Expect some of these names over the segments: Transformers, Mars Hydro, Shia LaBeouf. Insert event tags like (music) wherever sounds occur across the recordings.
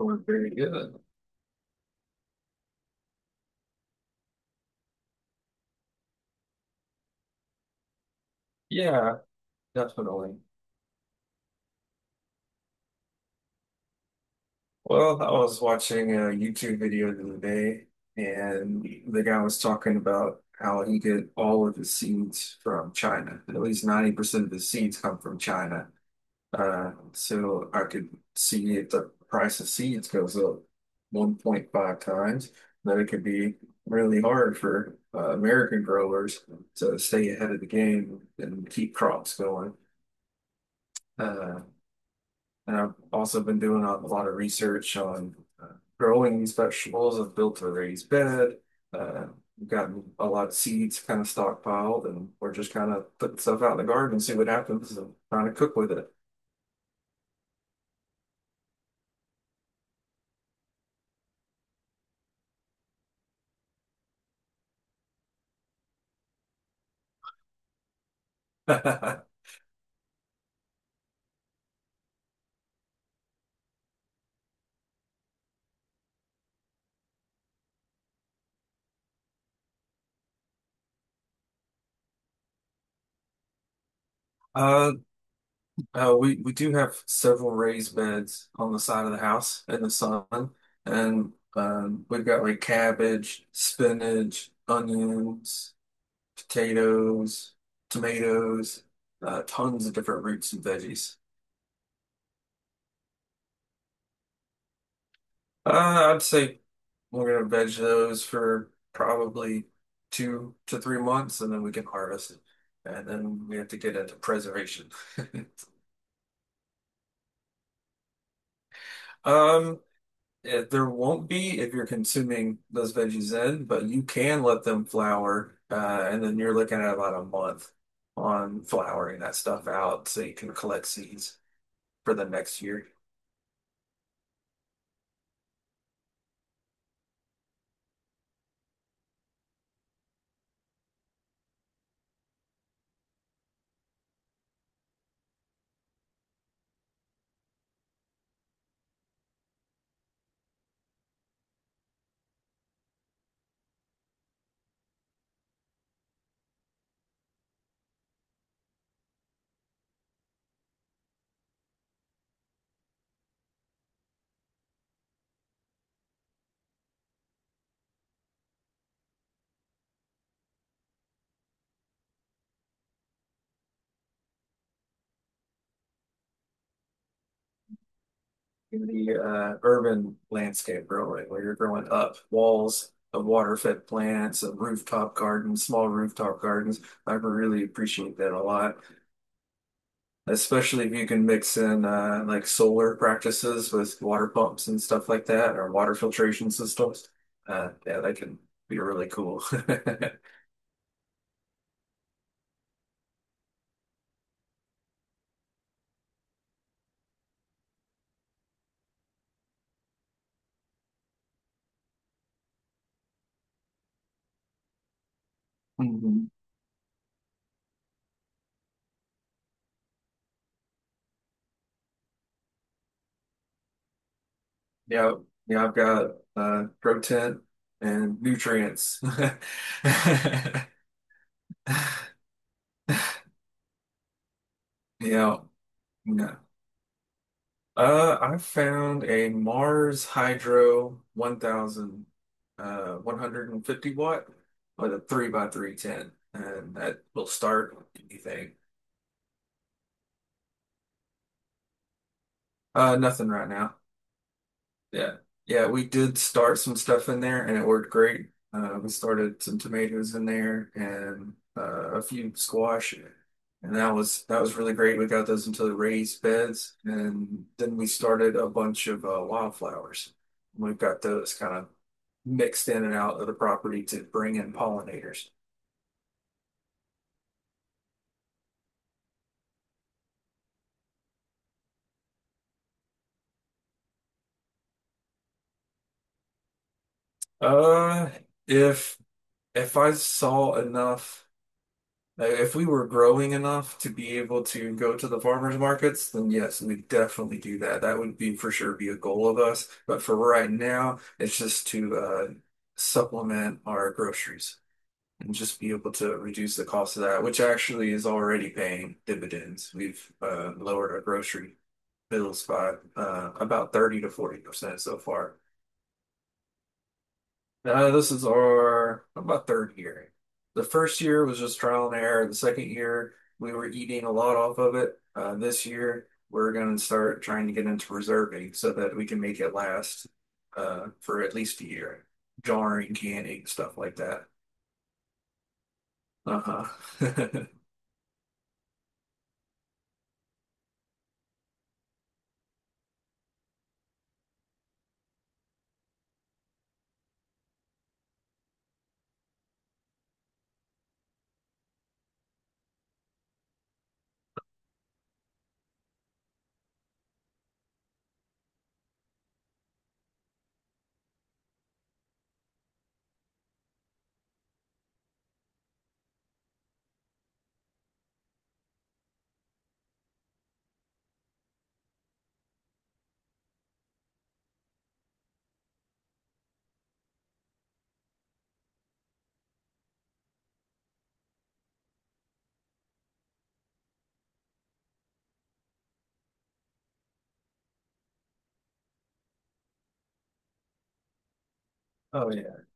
Oh, very good. Yeah, definitely. Well, I was watching a YouTube video the other day, and the guy was talking about how he get all of his seeds from China. At least 90% of his seeds come from China. So I could see if the price of seeds goes up 1.5 times, then it could be really hard for American growers to stay ahead of the game and keep crops going. Uh, And I've also been doing a lot of research on uh, growing these vegetables. I've built a raised bed. Uh, we've gotten a lot of seeds kind of stockpiled, and we're just kind of putting stuff out in the garden and see what happens and trying to cook with it. (laughs) Uh, we do have several raised beds on the side of the house in the sun, and we've got like cabbage, spinach, onions, potatoes, tomatoes, tons of different roots and veggies. I'd say we're gonna veg those for probably 2 to 3 months, and then we can harvest it. And then we have to get into preservation. (laughs) Um, there won't be if you're consuming those veggies in, but you can let them flower, and then you're looking at about a month on flowering that stuff out so you can collect seeds for the next year. In the urban landscape growing, where you're growing up walls of water-fed plants, of rooftop gardens, small rooftop gardens. I really appreciate that a lot, especially if you can mix in like solar practices with water pumps and stuff like that, or water filtration systems. Yeah, that can be really cool. (laughs) Mhm. Yeah, yeah, I've got grow tent and nutrients. (laughs) Yeah. Yeah. I found a Mars Hydro 1000, 150-watt with a 3 by 310 and that will start anything. Nothing right now. Yeah. Yeah, we did start some stuff in there and it worked great. We started some tomatoes in there and a few squash and that was really great. We got those into the raised beds and then we started a bunch of wildflowers. We've got those kind of mixed in and out of the property to bring in pollinators. Uh, if if I saw enough Now, if we were growing enough to be able to go to the farmers markets, then yes, we'd definitely do that. That would be for sure be a goal of us. But for right now, it's just to supplement our groceries and just be able to reduce the cost of that, which actually is already paying dividends. We've lowered our grocery bills by about 30 to 40% so far. This is our about third year. The first year was just trial and error. The second year, we were eating a lot off of it. This year, we're going to start trying to get into preserving so that we can make it last for at least a year. Jarring, canning, stuff like that. Uh-huh. (laughs) Oh, yeah.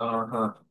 Uh-huh.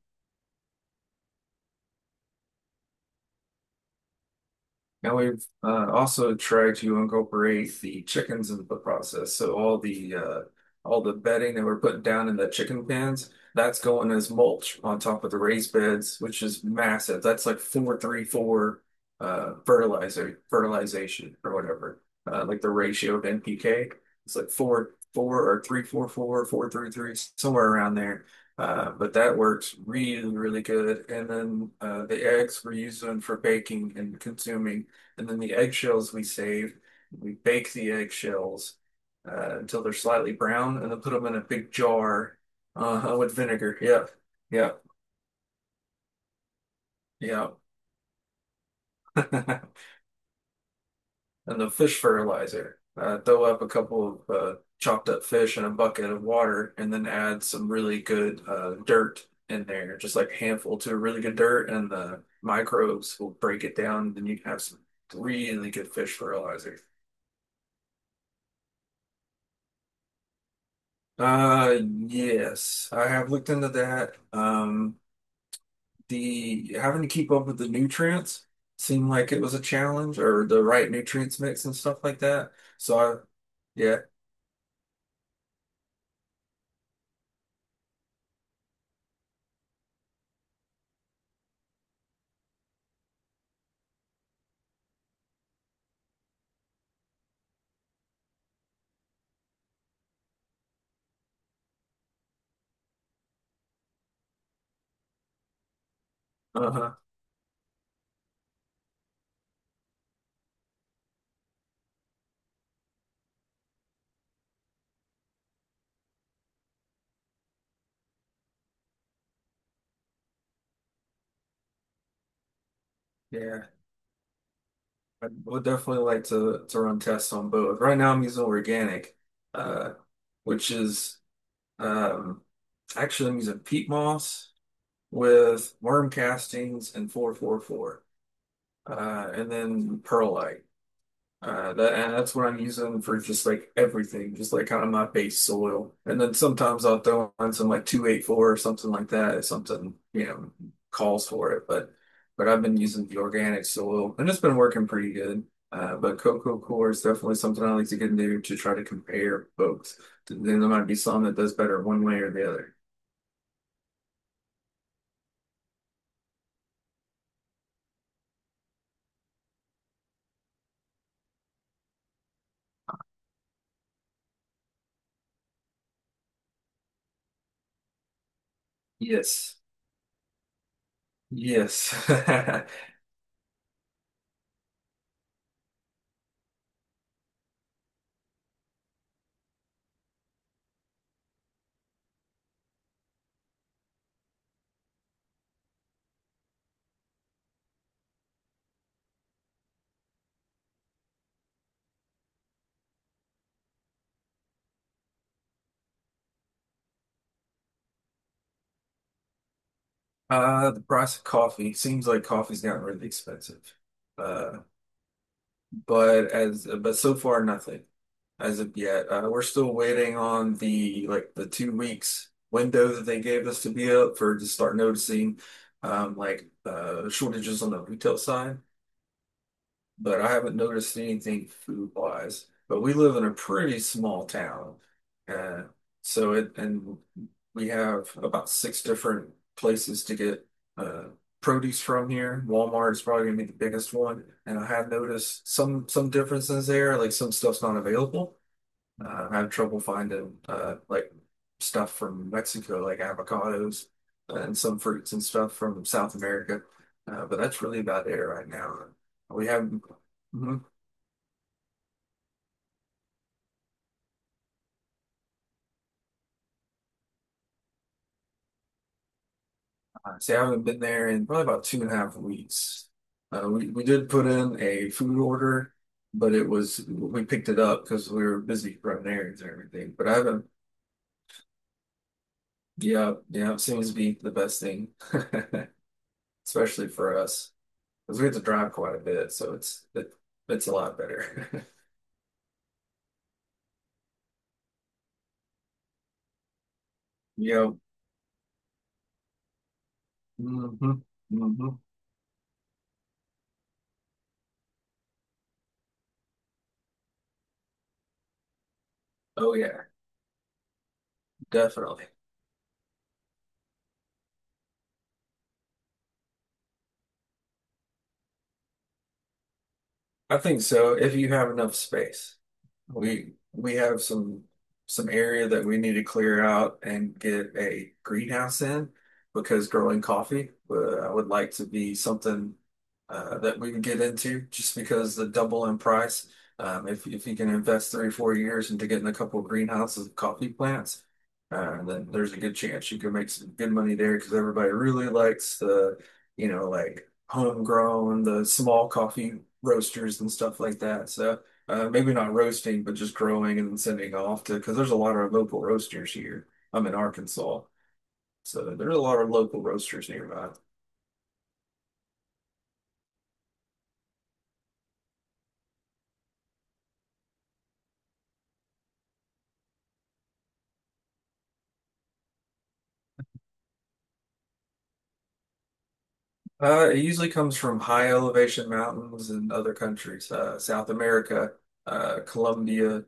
Now we've also tried to incorporate the chickens into the process. So all the bedding that we're putting down in the chicken pens, that's going as mulch on top of the raised beds, which is massive. That's like 4-3-4 fertilizer fertilization or whatever. Like the ratio of NPK, it's like four 4 or 3-4-4-4-3-3 somewhere around there. But that works really, really good. And then the eggs we're using for baking and consuming. And then the eggshells we save, we bake the eggshells until they're slightly brown and then put them in a big jar with vinegar. Yep. Yep. Yep. (laughs) And the fish fertilizer. Throw up a couple of chopped up fish in a bucket of water and then add some really good dirt in there, just like a handful to really good dirt, and the microbes will break it down. Then you can have some really good fish fertilizer. Yes, I have looked into that. The having to keep up with the nutrients seemed like it was a challenge or the right nutrients mix and stuff like that. So I, yeah, uh-huh, yeah, I would definitely like to run tests on both. Right now I'm using organic, uh, which is um actually I'm using peat moss with worm castings and 444, and then perlite. That's what I'm using for just like everything, just like kind of my base soil. And then sometimes I'll throw on some like 284 or something like that if something, calls for it. But I've been using the organic soil and it's been working pretty good. But cocoa core is definitely something I like to get into to try to compare both. Then there might be some that does better one way or the other. Yes. Yes. (laughs) The price of coffee seems like coffee's gotten really expensive. Uh, but so far nothing as of yet. We're still waiting on the 2 weeks window that they gave us to be up for to start noticing like shortages on the retail side but I haven't noticed anything food wise. But we live in a pretty small town, uh, so it and We have about six different places to get uh, produce from here. Walmart is probably gonna be the biggest one, and I have noticed some differences there, like some stuff's not available. I have trouble finding like stuff from Mexico, like avocados and some fruits and stuff from South America. But that's really about it right now. We haven't. Mhm. See, I haven't been there in probably about 2.5 weeks. We did put in a food order, but we picked it up because we were busy running errands and everything. But I haven't. Yeah, yeah, it seems to be the best thing, (laughs) especially for us. Because we have to drive quite a bit, so it's a lot better. (laughs) Yep. Hmm. Hmm. Oh yeah, definitely. I think so if you have enough space. We have some area that we need to clear out and get a greenhouse in because growing coffee, I would like to be something that we can get into just because the double in price. If you can invest 3, 4 years into getting a couple of greenhouses of coffee plants, then there's a good chance you can make some good money there because everybody really likes the, like homegrown, the small coffee roasters and stuff like that. So maybe not roasting, but just growing and then sending off to, because there's a lot of local roasters here. I'm in Arkansas, so there's a lot of local roasters nearby. It usually comes from high elevation mountains in other countries, South America, Colombia,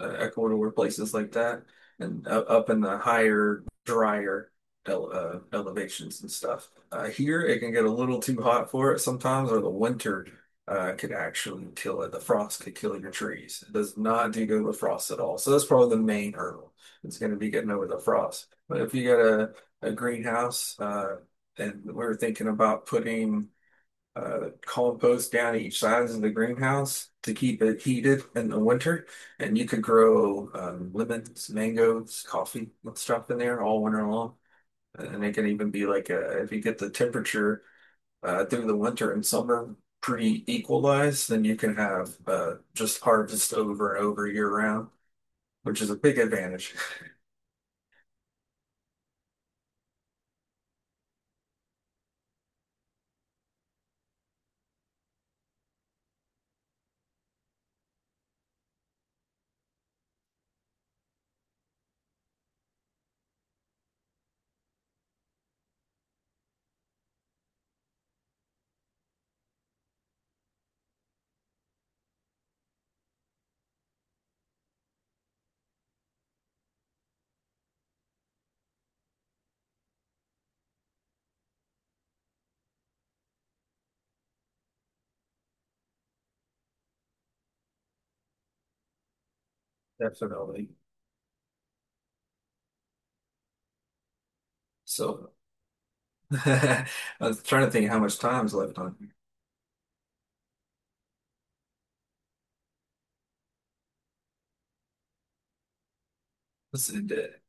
Ecuador, places like that, and up in the higher, drier elevations and stuff. Here, it can get a little too hot for it sometimes, or the winter could actually kill it. The frost could kill your trees. It does not do good with frost at all. So that's probably the main hurdle. It's going to be getting over the frost. But if you got a greenhouse. And we're thinking about putting compost down each sides of the greenhouse to keep it heated in the winter. And you could grow lemons, mangoes, coffee, and stuff in there all winter long. And it can even be like if you get the temperature through the winter and summer pretty equalized, then you can have just harvest over and over year round, which is a big advantage, (laughs) definitely. So (laughs) I was trying to think how much time's left on here. Let's see,